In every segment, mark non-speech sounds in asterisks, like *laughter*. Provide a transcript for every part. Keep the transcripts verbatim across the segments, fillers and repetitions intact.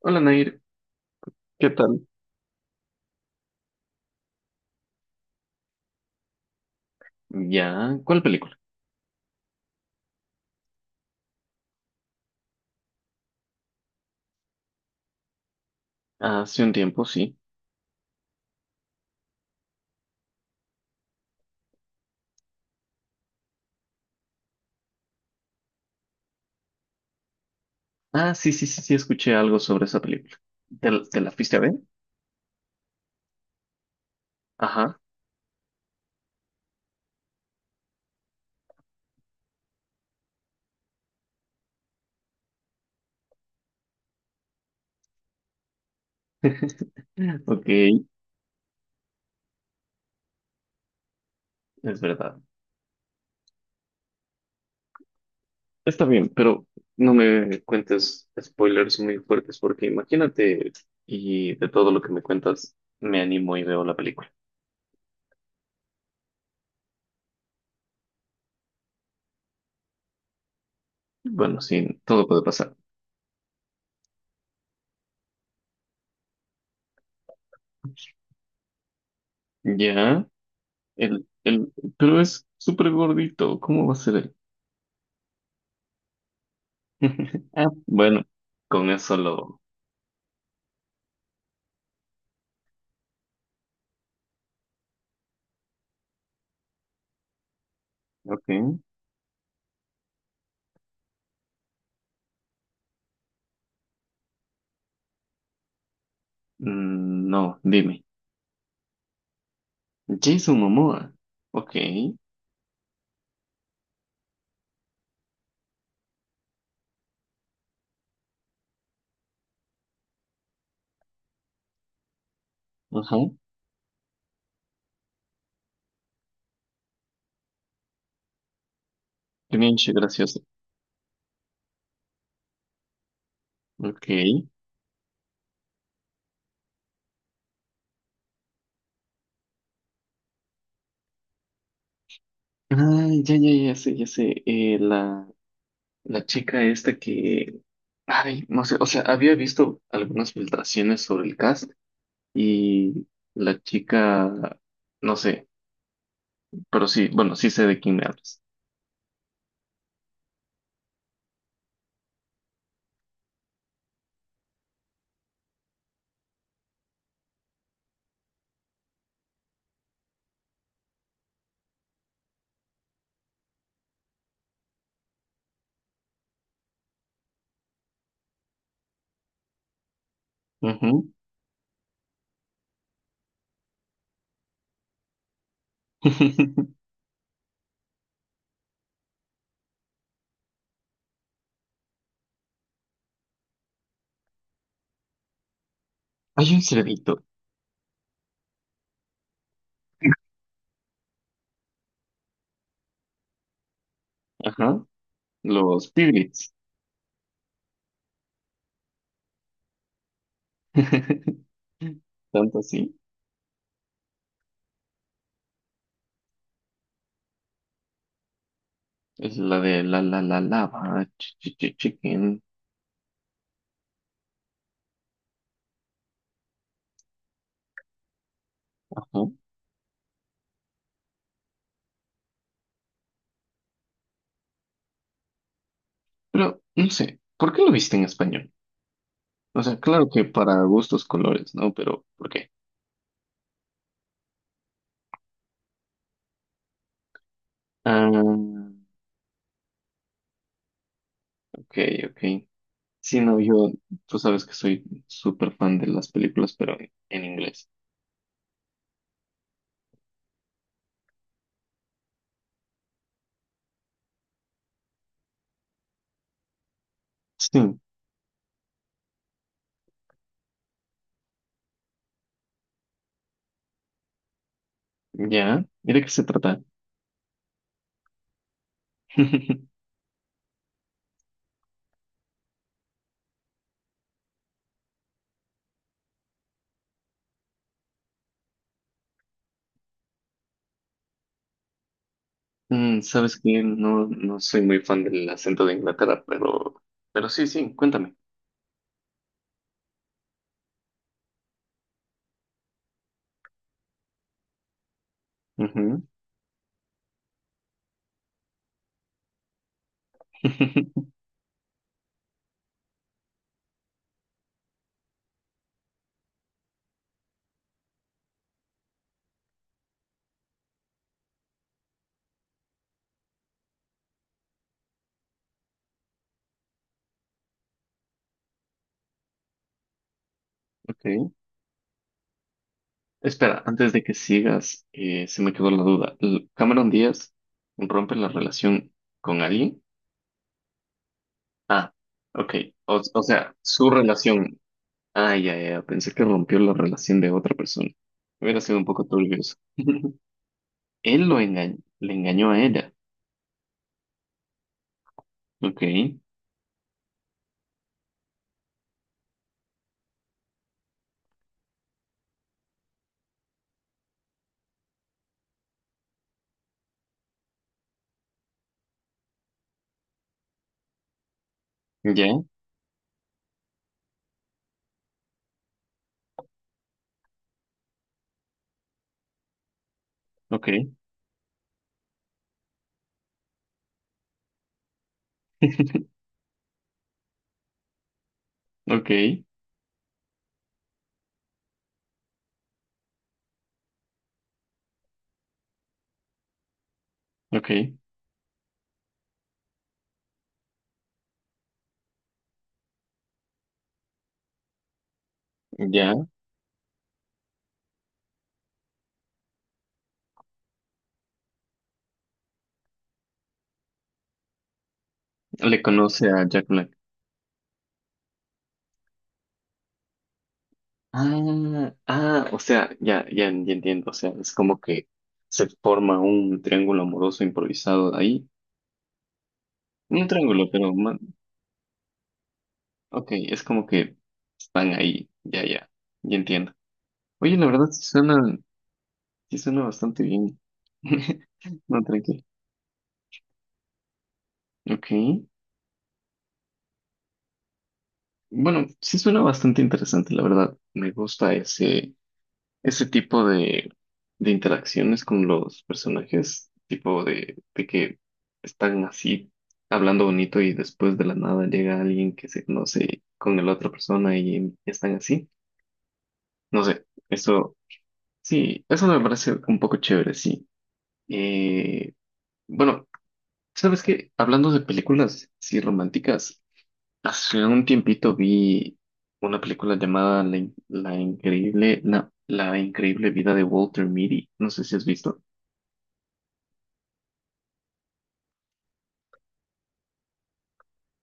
Hola Nair, ¿qué tal? Ya, ¿cuál película? Hace un tiempo, sí. Ah, sí, sí, sí, sí, escuché algo sobre esa película. ¿Te, la te la fuiste a ver? Ajá. *laughs* Ok, es verdad. Está bien, pero no me cuentes spoilers muy fuertes porque imagínate y de todo lo que me cuentas, me animo y veo la película. Bueno, sí, todo puede pasar. Ya, el, el, pero es súper gordito, ¿cómo va a ser él? *laughs* Ah, bueno, con eso lo... Ok. Mm, no, dime. Jason Momoa. Ok. Ajá. Demianche, gracioso. Ok. Ay, ya, ya, ya sé, ya sé. Eh, la, la chica esta que. Ay, no sé. O sea, había visto algunas filtraciones sobre el cast y la chica. No sé. Pero sí, bueno, sí sé de quién me hablas. Ujú. *laughs* Hay un cerdito. Ajá. Los piglets. *laughs* Tanto así. Es la de la la la lava, chi- chi- chi- chicken. Ajá. Pero no sé, ¿por qué lo viste en español? O sea, claro que para gustos colores, ¿no? Pero ¿por qué? Ah, ok, ok. Sí, no, yo, tú sabes que soy súper fan de las películas, pero en, en inglés. Sí, ya. ¿Y de qué se trata? *laughs* Mm, sabes que no, no soy muy fan del acento de Inglaterra, pero, pero sí, sí, cuéntame. Ujú. *laughs* Ok. Espera, antes de que sigas, eh, se me quedó la duda. L- ¿Cameron Díaz rompe la relación con alguien? Ah, ok. O, o sea, su relación. Ah, ya, ya, ya. Pensé que rompió la relación de otra persona. Hubiera sido un poco turbio eso. *laughs* Él lo engañó, le engañó a ella. Ok, ya, ok, ok, ok, ya. Le conoce a Jack Black. Ah, ah, o sea, ya, ya, ya entiendo. O sea, es como que se forma un triángulo amoroso improvisado ahí. Un triángulo, pero ma- Ok, es como que están ahí. Ya, ya, ya entiendo. Oye, la verdad sí suena, sí suena bastante bien. *laughs* No, tranquilo. Ok. Bueno, sí suena bastante interesante, la verdad. Me gusta ese. Ese tipo de, de interacciones con los personajes, tipo de, de que están así hablando bonito y después de la nada llega alguien que se conoce con la otra persona y están así. No sé, eso sí, eso me parece un poco chévere, sí. Eh, bueno, ¿sabes qué? Hablando de películas, sí, románticas, hace un tiempito vi una película llamada La, In- La increíble, no, La increíble vida de Walter Mitty. No sé si has visto.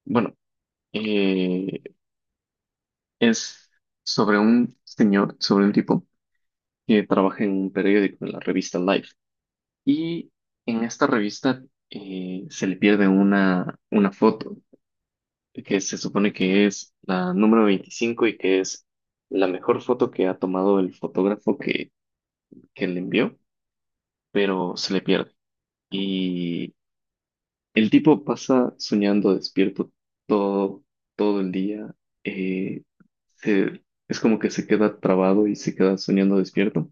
Bueno, eh, es sobre un señor, sobre un tipo que trabaja en un periódico, en la revista Life. Y en esta revista eh, se le pierde una, una foto que se supone que es la número veinticinco y que es la mejor foto que ha tomado el fotógrafo que, que le envió, pero se le pierde. El tipo pasa soñando despierto todo, todo el día. eh, se- es como que se queda trabado y se queda soñando despierto.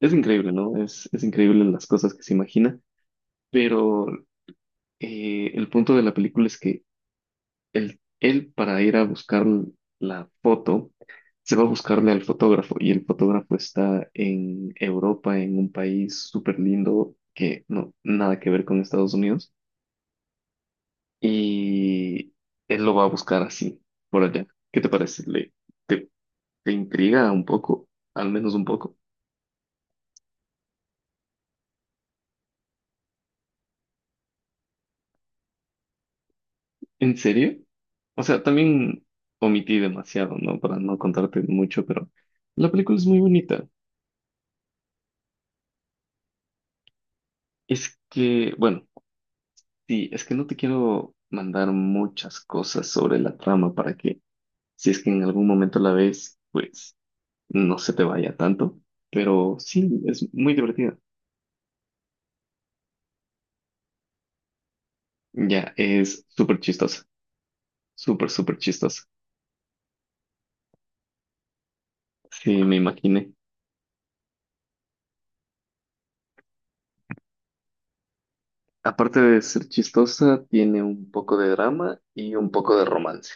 Es increíble, ¿no? Es, es increíble las cosas que se imagina, pero eh, el punto de la película es que él, él para ir a buscar la foto, se va a buscarle al fotógrafo y el fotógrafo está en Europa, en un país súper lindo que no, nada que ver con Estados Unidos. Y él lo va a buscar así, por allá. ¿Qué te parece? ¿Le, te, ¿te intriga un poco? Al menos un poco. ¿En serio? O sea, también omití demasiado, ¿no? Para no contarte mucho, pero la película es muy bonita. Es que, bueno, sí, es que no te quiero mandar muchas cosas sobre la trama para que, si es que en algún momento la ves, pues no se te vaya tanto. Pero sí, es muy divertida. Ya, es súper chistosa. Súper, súper chistosa. Sí, me imaginé. Aparte de ser chistosa, tiene un poco de drama y un poco de romance.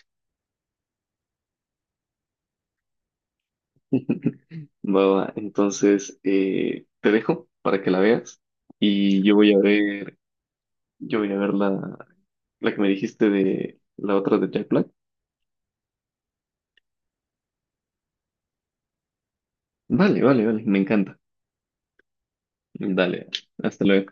*laughs* Va, va. Entonces, eh, te dejo para que la veas y yo voy a ver, yo voy a ver la, la que me dijiste de la otra de Jack Black. Vale, vale, vale, me encanta. Dale, hasta luego.